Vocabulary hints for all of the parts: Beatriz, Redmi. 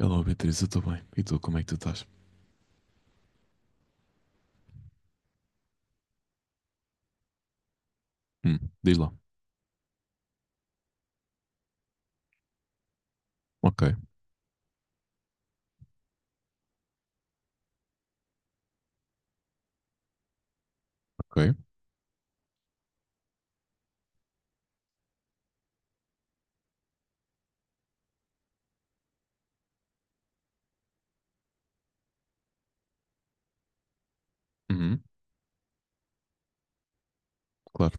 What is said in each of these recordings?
Olá, Beatriz, eu estou bem. E tu, como é que tu estás? Diz lá. Ok, ok. Uhum, claro.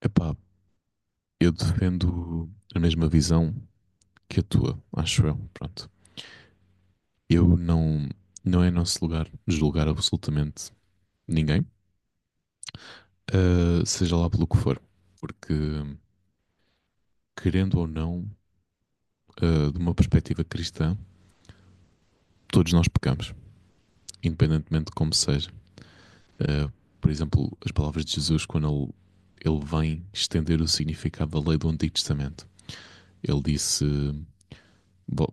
Epá, eu defendo a mesma visão que a tua, acho eu. Pronto. Eu não. Não é nosso lugar julgar absolutamente ninguém, seja lá pelo que for. Porque, querendo ou não, de uma perspectiva cristã, todos nós pecamos, independentemente de como seja. Ah, por exemplo, as palavras de Jesus, quando ele vem estender o significado da lei do Antigo Testamento. Ele disse: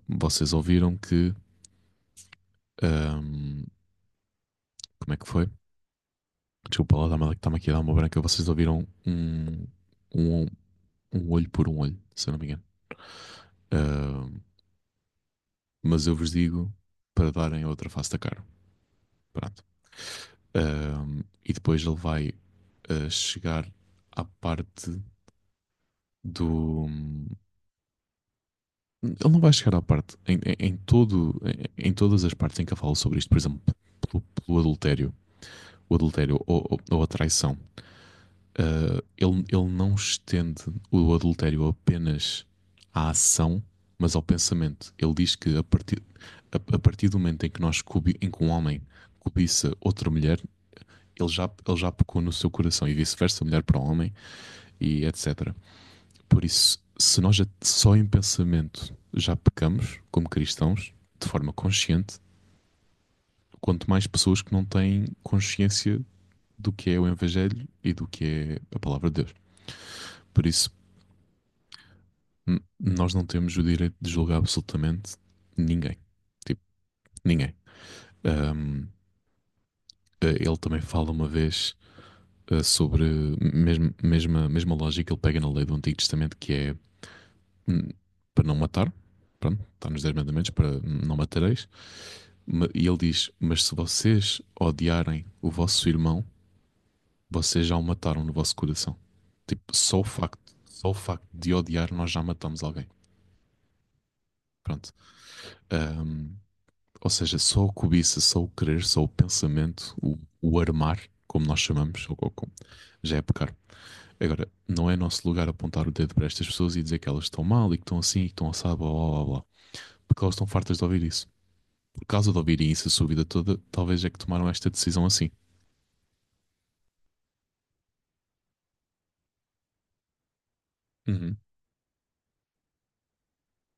Vocês ouviram que. ahm, Como é que foi? Desculpa lá, está-me aqui a dar uma branca. Vocês ouviram um, um olho por um olho, se eu não me engano. Ahm, mas eu vos digo para darem outra face da cara. Pronto. E depois ele vai chegar à parte do. Ele não vai chegar à parte. Em todo, em todas as partes em que eu falo sobre isto, por exemplo, pelo adultério, o adultério ou a traição, ele não estende o adultério apenas à ação, mas ao pensamento. Ele diz que a partir do momento em que em que um homem cobiça outra mulher, ele já pecou no seu coração e vice-versa, mulher para o homem e etc. Por isso, se nós já- só em pensamento já pecamos como cristãos, de forma consciente, quanto mais pessoas que não têm consciência do que é o Evangelho e do que é a palavra de Deus. Por isso, nós não temos o direito de julgar absolutamente ninguém. Tipo, ninguém. Ahm, ele também fala uma vez sobre mesma lógica que ele pega na lei do Antigo Testamento, que é hum, para não matar. Pronto, está nos 10 mandamentos para não matareis. E ele diz: Mas se vocês odiarem o vosso irmão, vocês já o mataram no vosso coração. Tipo, só o facto de odiar, nós já matamos alguém. Pronto. Ahm, Ou seja, só a cobiça, só o querer, só o pensamento, o armar, como nós chamamos, ou já é pecar. Agora, não é nosso lugar apontar o dedo para estas pessoas e dizer que elas estão mal e que estão assim e que estão assado, blá blá blá blá. Porque elas estão fartas de ouvir isso. Por causa de ouvirem isso a sua vida toda, talvez é que tomaram esta decisão assim. Uhum,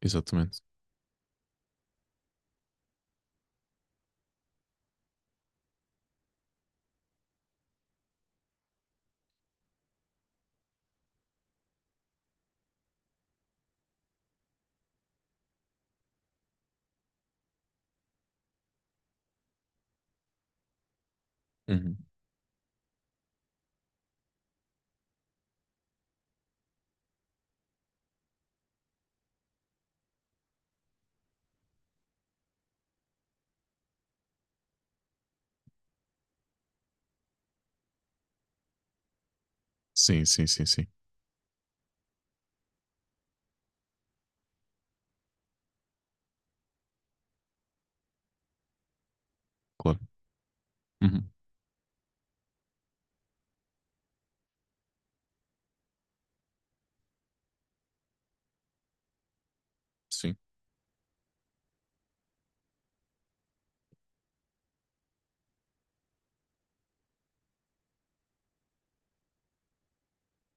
exatamente. Uhum. Sim, sim, sim, sim. Claro. Uhum, sim,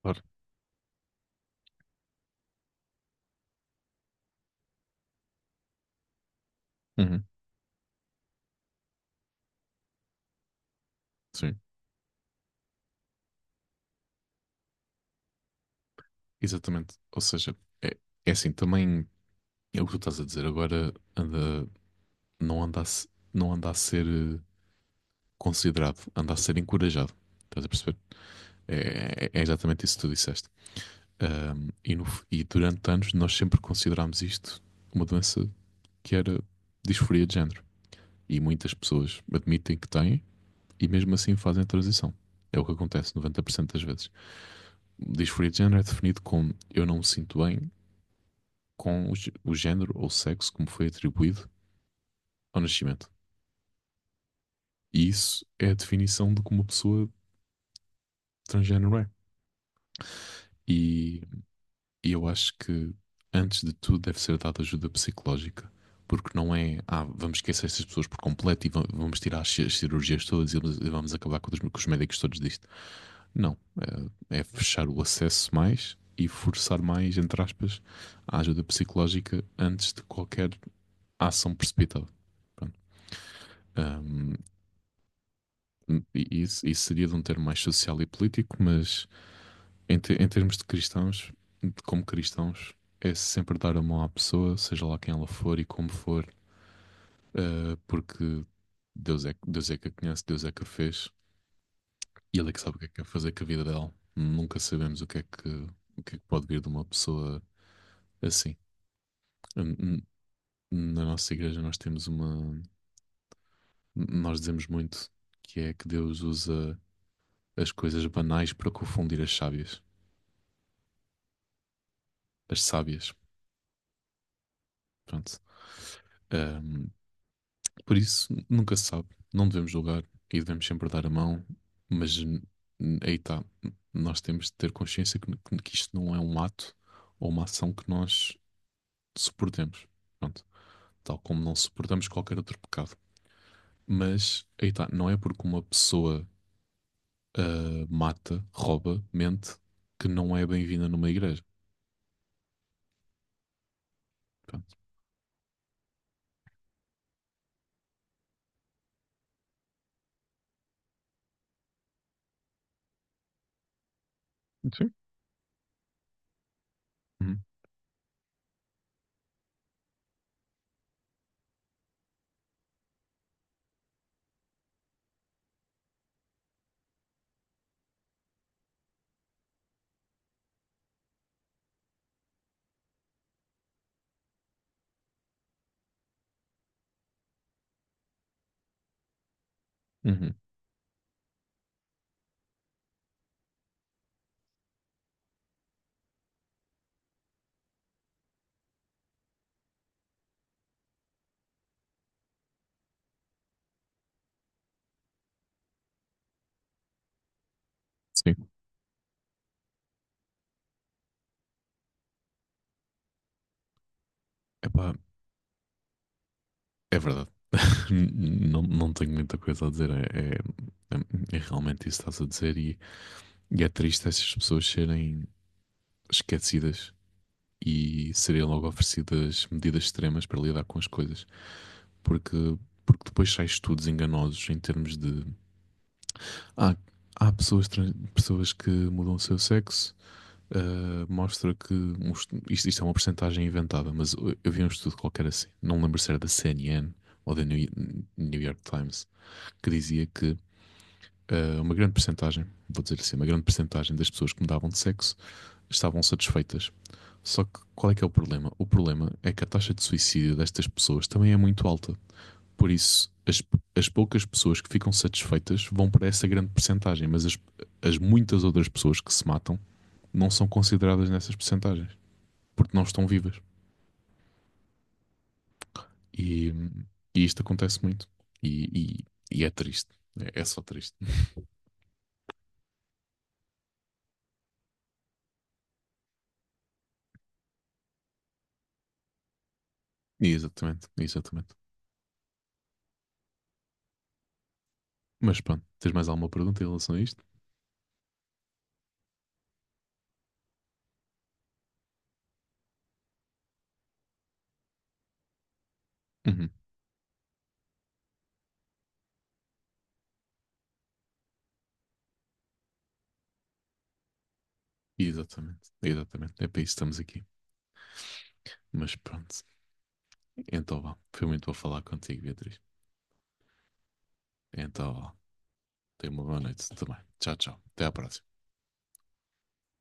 claro. Uhum, sim, exatamente. Ou seja, é, é assim, também é o que tu estás a dizer agora, anda não anda a, não anda a ser considerado, anda a ser encorajado. Estás a perceber? É, é exatamente isso que tu disseste. E, no f- e durante anos nós sempre considerámos isto uma doença que era disforia de género. E muitas pessoas admitem que têm e mesmo assim fazem a transição. É o que acontece 90% das vezes. Disforia de género é definido como eu não me sinto bem com o o género ou sexo como foi atribuído ao nascimento. E isso é a definição de como uma pessoa transgénero é. E, e eu acho que, antes de tudo, deve ser dada ajuda psicológica. Porque não é, ah, vamos esquecer essas pessoas por completo e vamos tirar as cirurgias todas e vamos acabar com com os médicos todos disto. Não. É, é fechar o acesso mais e forçar mais, entre aspas, a ajuda psicológica antes de qualquer ação precipitada. Pronto. Ahm, e isso, isso seria de um termo mais social e político, mas em termos de cristãos, de como cristãos, é sempre dar a mão à pessoa, seja lá quem ela for e como for, porque Deus é que a conhece, Deus é que a fez e Ele é que sabe o que é que quer fazer com a vida dela. Nunca sabemos o que é que pode vir de uma pessoa assim. Hum. Na nossa igreja nós temos uma, nós dizemos muito que é que Deus usa as coisas banais para confundir as sábias, as sábias. Pronto. Por isso, nunca se sabe. Não devemos julgar e devemos sempre dar a mão, mas aí está. Nós temos de ter consciência que isto não é um ato ou uma ação que nós suportemos. Pronto. Tal como não suportamos qualquer outro pecado. Mas aí está. Não é porque uma pessoa mata, rouba, mente, que não é bem-vinda numa igreja. Pronto. Sim. Uhum. Uhum. Sim. Epá, é verdade. Não, não tenho muita coisa a dizer. É, é realmente isso que estás a dizer, e é triste essas pessoas serem esquecidas e serem logo oferecidas medidas extremas para lidar com as coisas, porque, porque depois sai estudos enganosos em termos de. Ah, há pessoas, pessoas que mudam o seu sexo. Ah, mostra que um isto, isto é uma porcentagem inventada, mas eu vi um estudo qualquer assim, não lembro se era da CNN ou da New York Times, que dizia que uma grande percentagem, vou dizer assim, uma grande percentagem das pessoas que mudavam de sexo estavam satisfeitas. Só que qual é que é o problema? O problema é que a taxa de suicídio destas pessoas também é muito alta. Por isso, as poucas pessoas que ficam satisfeitas vão para essa grande percentagem, mas as muitas outras pessoas que se matam não são consideradas nessas percentagens, porque não estão vivas. E, e isto acontece muito. E, e é triste. É, é só triste. E exatamente, exatamente. Mas pronto, tens mais alguma pergunta em relação a isto? Uhum. Exatamente, exatamente. É para isso que estamos aqui. Mas pronto, então vá. Foi muito bom falar contigo, Beatriz. Então vá. Tenha uma boa noite também. Tchau, tchau. Até à próxima.